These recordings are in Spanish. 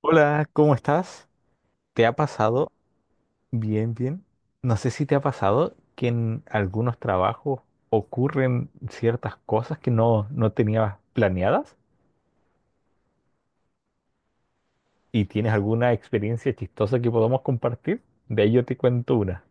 Hola, ¿cómo estás? ¿Te ha pasado? Bien, bien. No sé si te ha pasado que en algunos trabajos ocurren ciertas cosas que no, no tenías planeadas y tienes alguna experiencia chistosa que podamos compartir. De ahí yo te cuento una.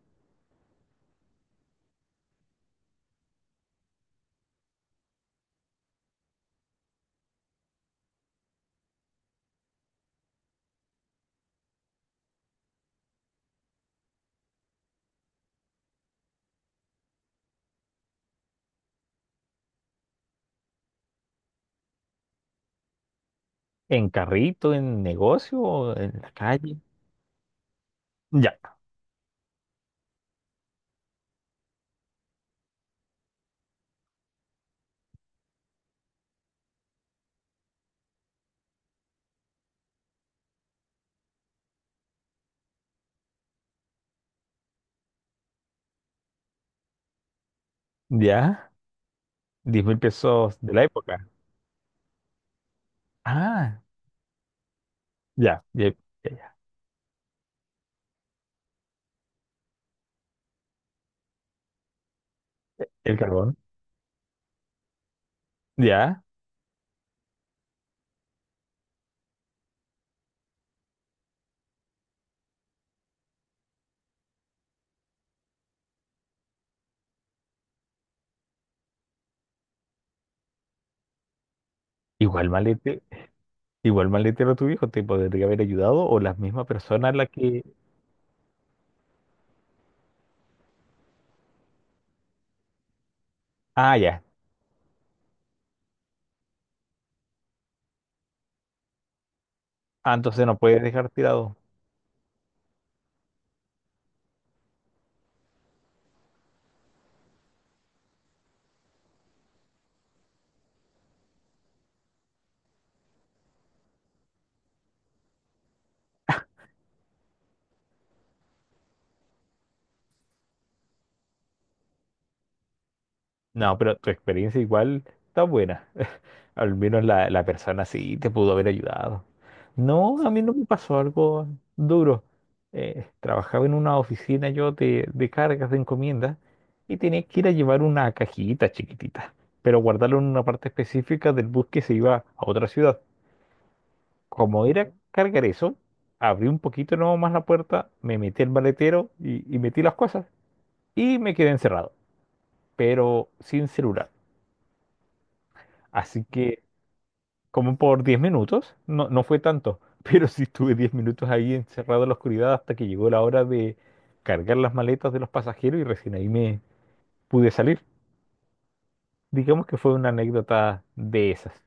¿En carrito, en negocio, o en la calle? Ya, ya. 10.000 pesos de la época. Ah, ya, ya, ya, ya. El carbón. Ya. Igual malete. Igual maletero tu viejo te podría haber ayudado o la misma persona la que. Ah, ya. Ah, entonces no puedes dejar tirado. No, pero tu experiencia igual está buena. Al menos la persona sí te pudo haber ayudado. No, a mí no me pasó algo duro. Trabajaba en una oficina yo de cargas de encomiendas y tenía que ir a llevar una cajita chiquitita, pero guardarla en una parte específica del bus que se iba a otra ciudad. Como era cargar eso, abrí un poquito no más la puerta, me metí al maletero y metí las cosas y me quedé encerrado, pero sin celular. Así que como por 10 minutos, no, no fue tanto, pero sí estuve 10 minutos ahí encerrado en la oscuridad hasta que llegó la hora de cargar las maletas de los pasajeros y recién ahí me pude salir. Digamos que fue una anécdota de esas.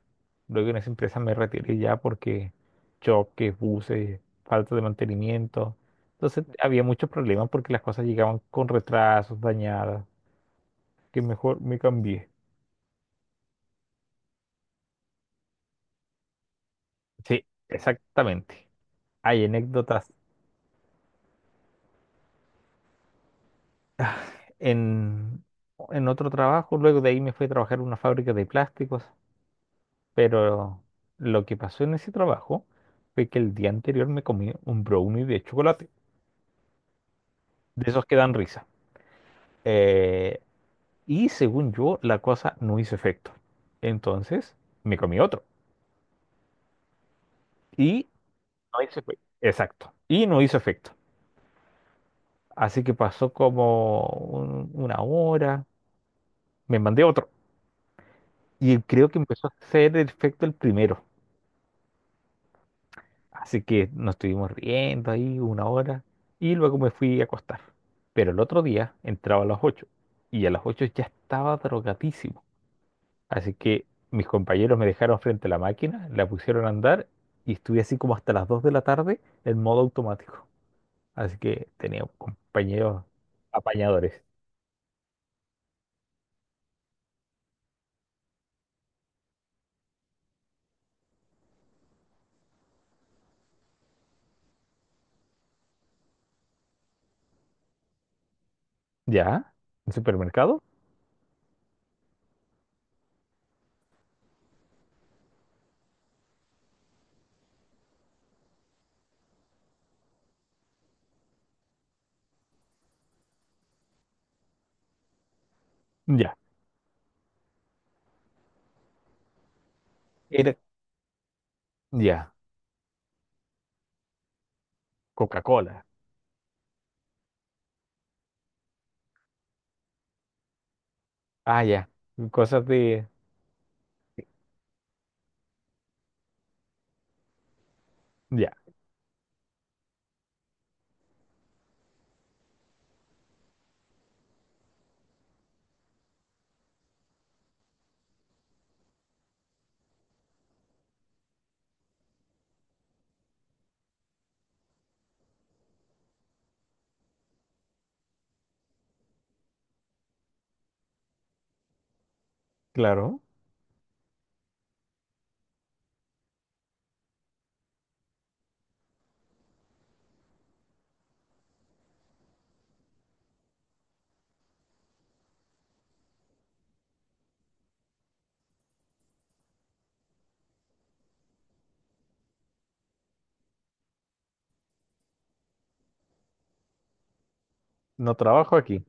Luego en esa empresa me retiré ya porque choques, buses, falta de mantenimiento. Entonces había muchos problemas porque las cosas llegaban con retrasos, dañadas, que mejor me cambié. Sí, exactamente. Hay anécdotas en, en otro trabajo. Luego de ahí me fui a trabajar en una fábrica de plásticos. Pero lo que pasó en ese trabajo fue que el día anterior me comí un brownie de chocolate. De esos que dan risa. Eh, Y según yo, la cosa no hizo efecto. Entonces, me comí otro. Y no hizo efecto. Exacto. Y no hizo efecto. Así que pasó como una hora. Me mandé otro. Y creo que empezó a hacer el efecto el primero. Así que nos estuvimos riendo ahí una hora. Y luego me fui a acostar. Pero el otro día entraba a las 8. Y a las 8 ya estaba drogadísimo. Así que mis compañeros me dejaron frente a la máquina, la pusieron a andar y estuve así como hasta las 2 de la tarde en modo automático. Así que tenía compañeros apañadores. ¿Ya? ¿En supermercado? Ya. Era- ya. Coca-Cola. Ah, ya. Cosas de. Ya, claro. No trabajo aquí.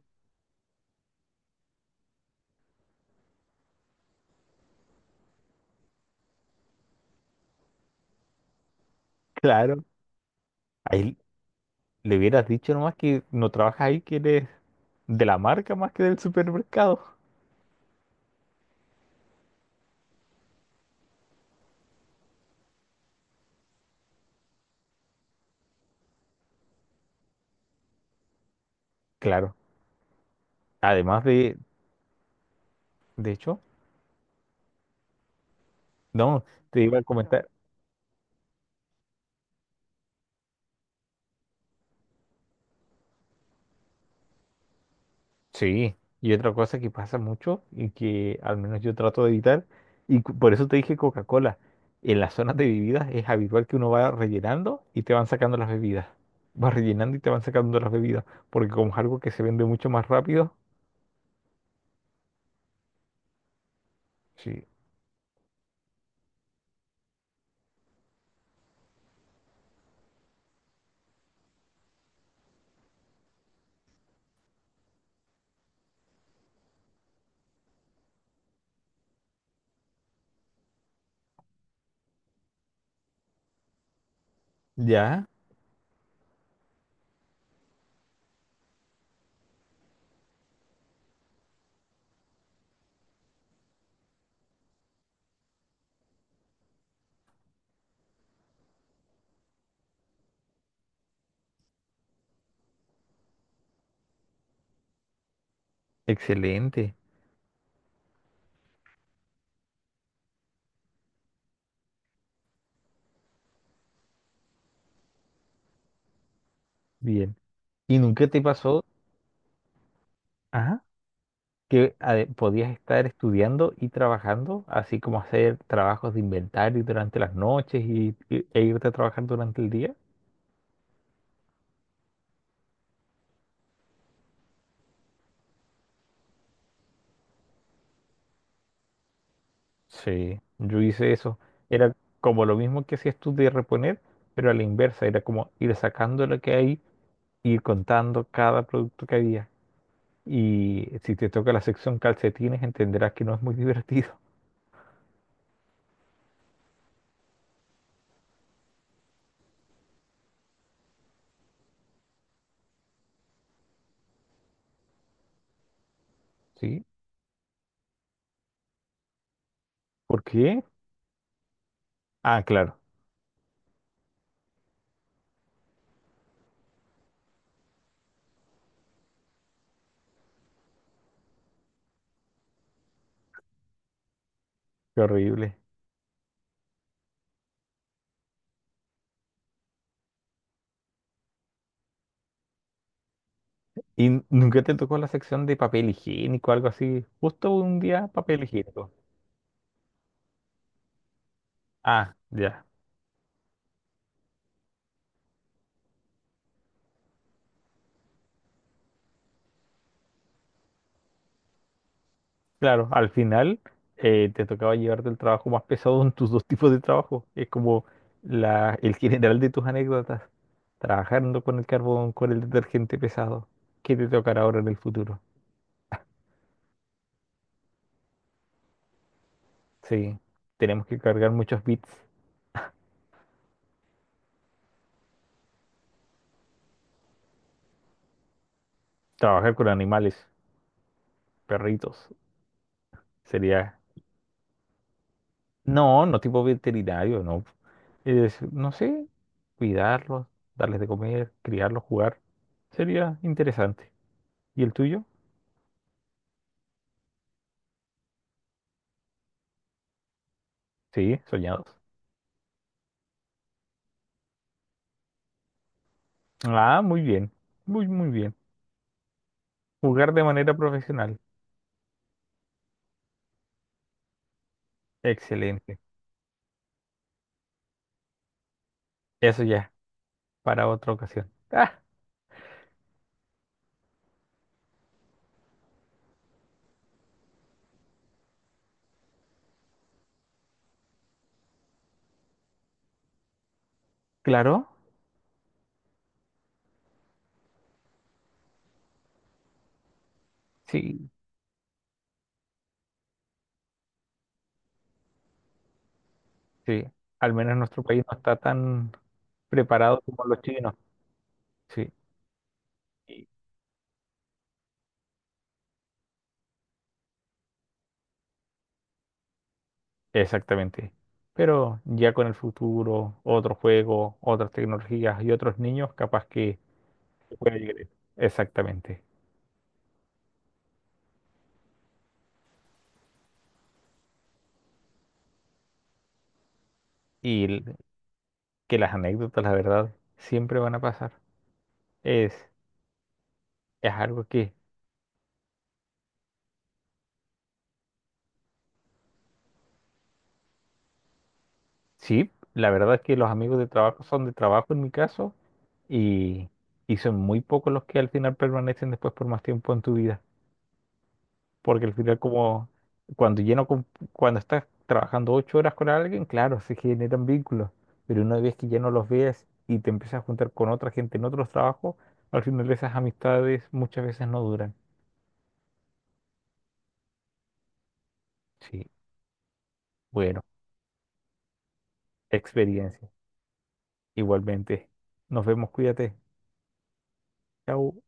Claro. Ahí le hubieras dicho nomás que no trabajas ahí, que eres de la marca más que del supermercado. Claro. Además de. De hecho, no, te iba a comentar. Sí, y otra cosa que pasa mucho y que al menos yo trato de evitar, por eso te dije Coca-Cola, en las zonas de bebidas es habitual que uno va rellenando y te van sacando las bebidas. Vas rellenando y te van sacando las bebidas, porque como es algo que se vende mucho más rápido, sí. Ya, excelente, bien. ¿Y nunca te pasó, ajá, que podías estar estudiando y trabajando, así como hacer trabajos de inventario durante las noches e irte a trabajar durante el día? Sí, yo hice eso. Era como lo mismo que hacías tú de reponer, pero a la inversa. Era como ir sacando lo que hay, ir contando cada producto que había. Y si te toca la sección calcetines, entenderás que no es muy divertido. ¿Sí? ¿Por qué? Ah, claro, qué horrible. ¿Y nunca te tocó la sección de papel higiénico, algo así? Justo un día papel higiénico. Ah, ya. Claro, al final te tocaba llevarte el trabajo más pesado en tus dos tipos de trabajo. Es como el general de tus anécdotas, trabajando con el carbón, con el detergente pesado. ¿Qué te tocará ahora en el futuro? Sí, tenemos que cargar muchos bits, trabajar con animales, perritos. Sería, no, no tipo veterinario, no. Es, no sé, cuidarlos, darles de comer, criarlos, jugar. Sería interesante. ¿Y el tuyo? Sí, soñados. Ah, muy bien, muy, muy bien. Jugar de manera profesional. Excelente. Eso ya, para otra ocasión. Ah, claro. Sí, sí. Al menos nuestro país no está tan preparado como los chinos. Sí, y- exactamente. Pero ya con el futuro, otro juego, otras tecnologías y otros niños, capaz que se pueda llegar a eso. Exactamente. Y el- que las anécdotas, la verdad, siempre van a pasar. Es, es algo que, sí, la verdad es que los amigos de trabajo son de trabajo en mi caso. Y, y son muy pocos los que al final permanecen después por más tiempo en tu vida. Porque al final, como cuando lleno, con- cuando estás trabajando 8 horas con alguien, claro, se generan vínculos. Pero una vez que ya no los ves y te empiezas a juntar con otra gente en otros trabajos, al final esas amistades muchas veces no duran. Sí, bueno, experiencia. Igualmente. Nos vemos, cuídate. Chao.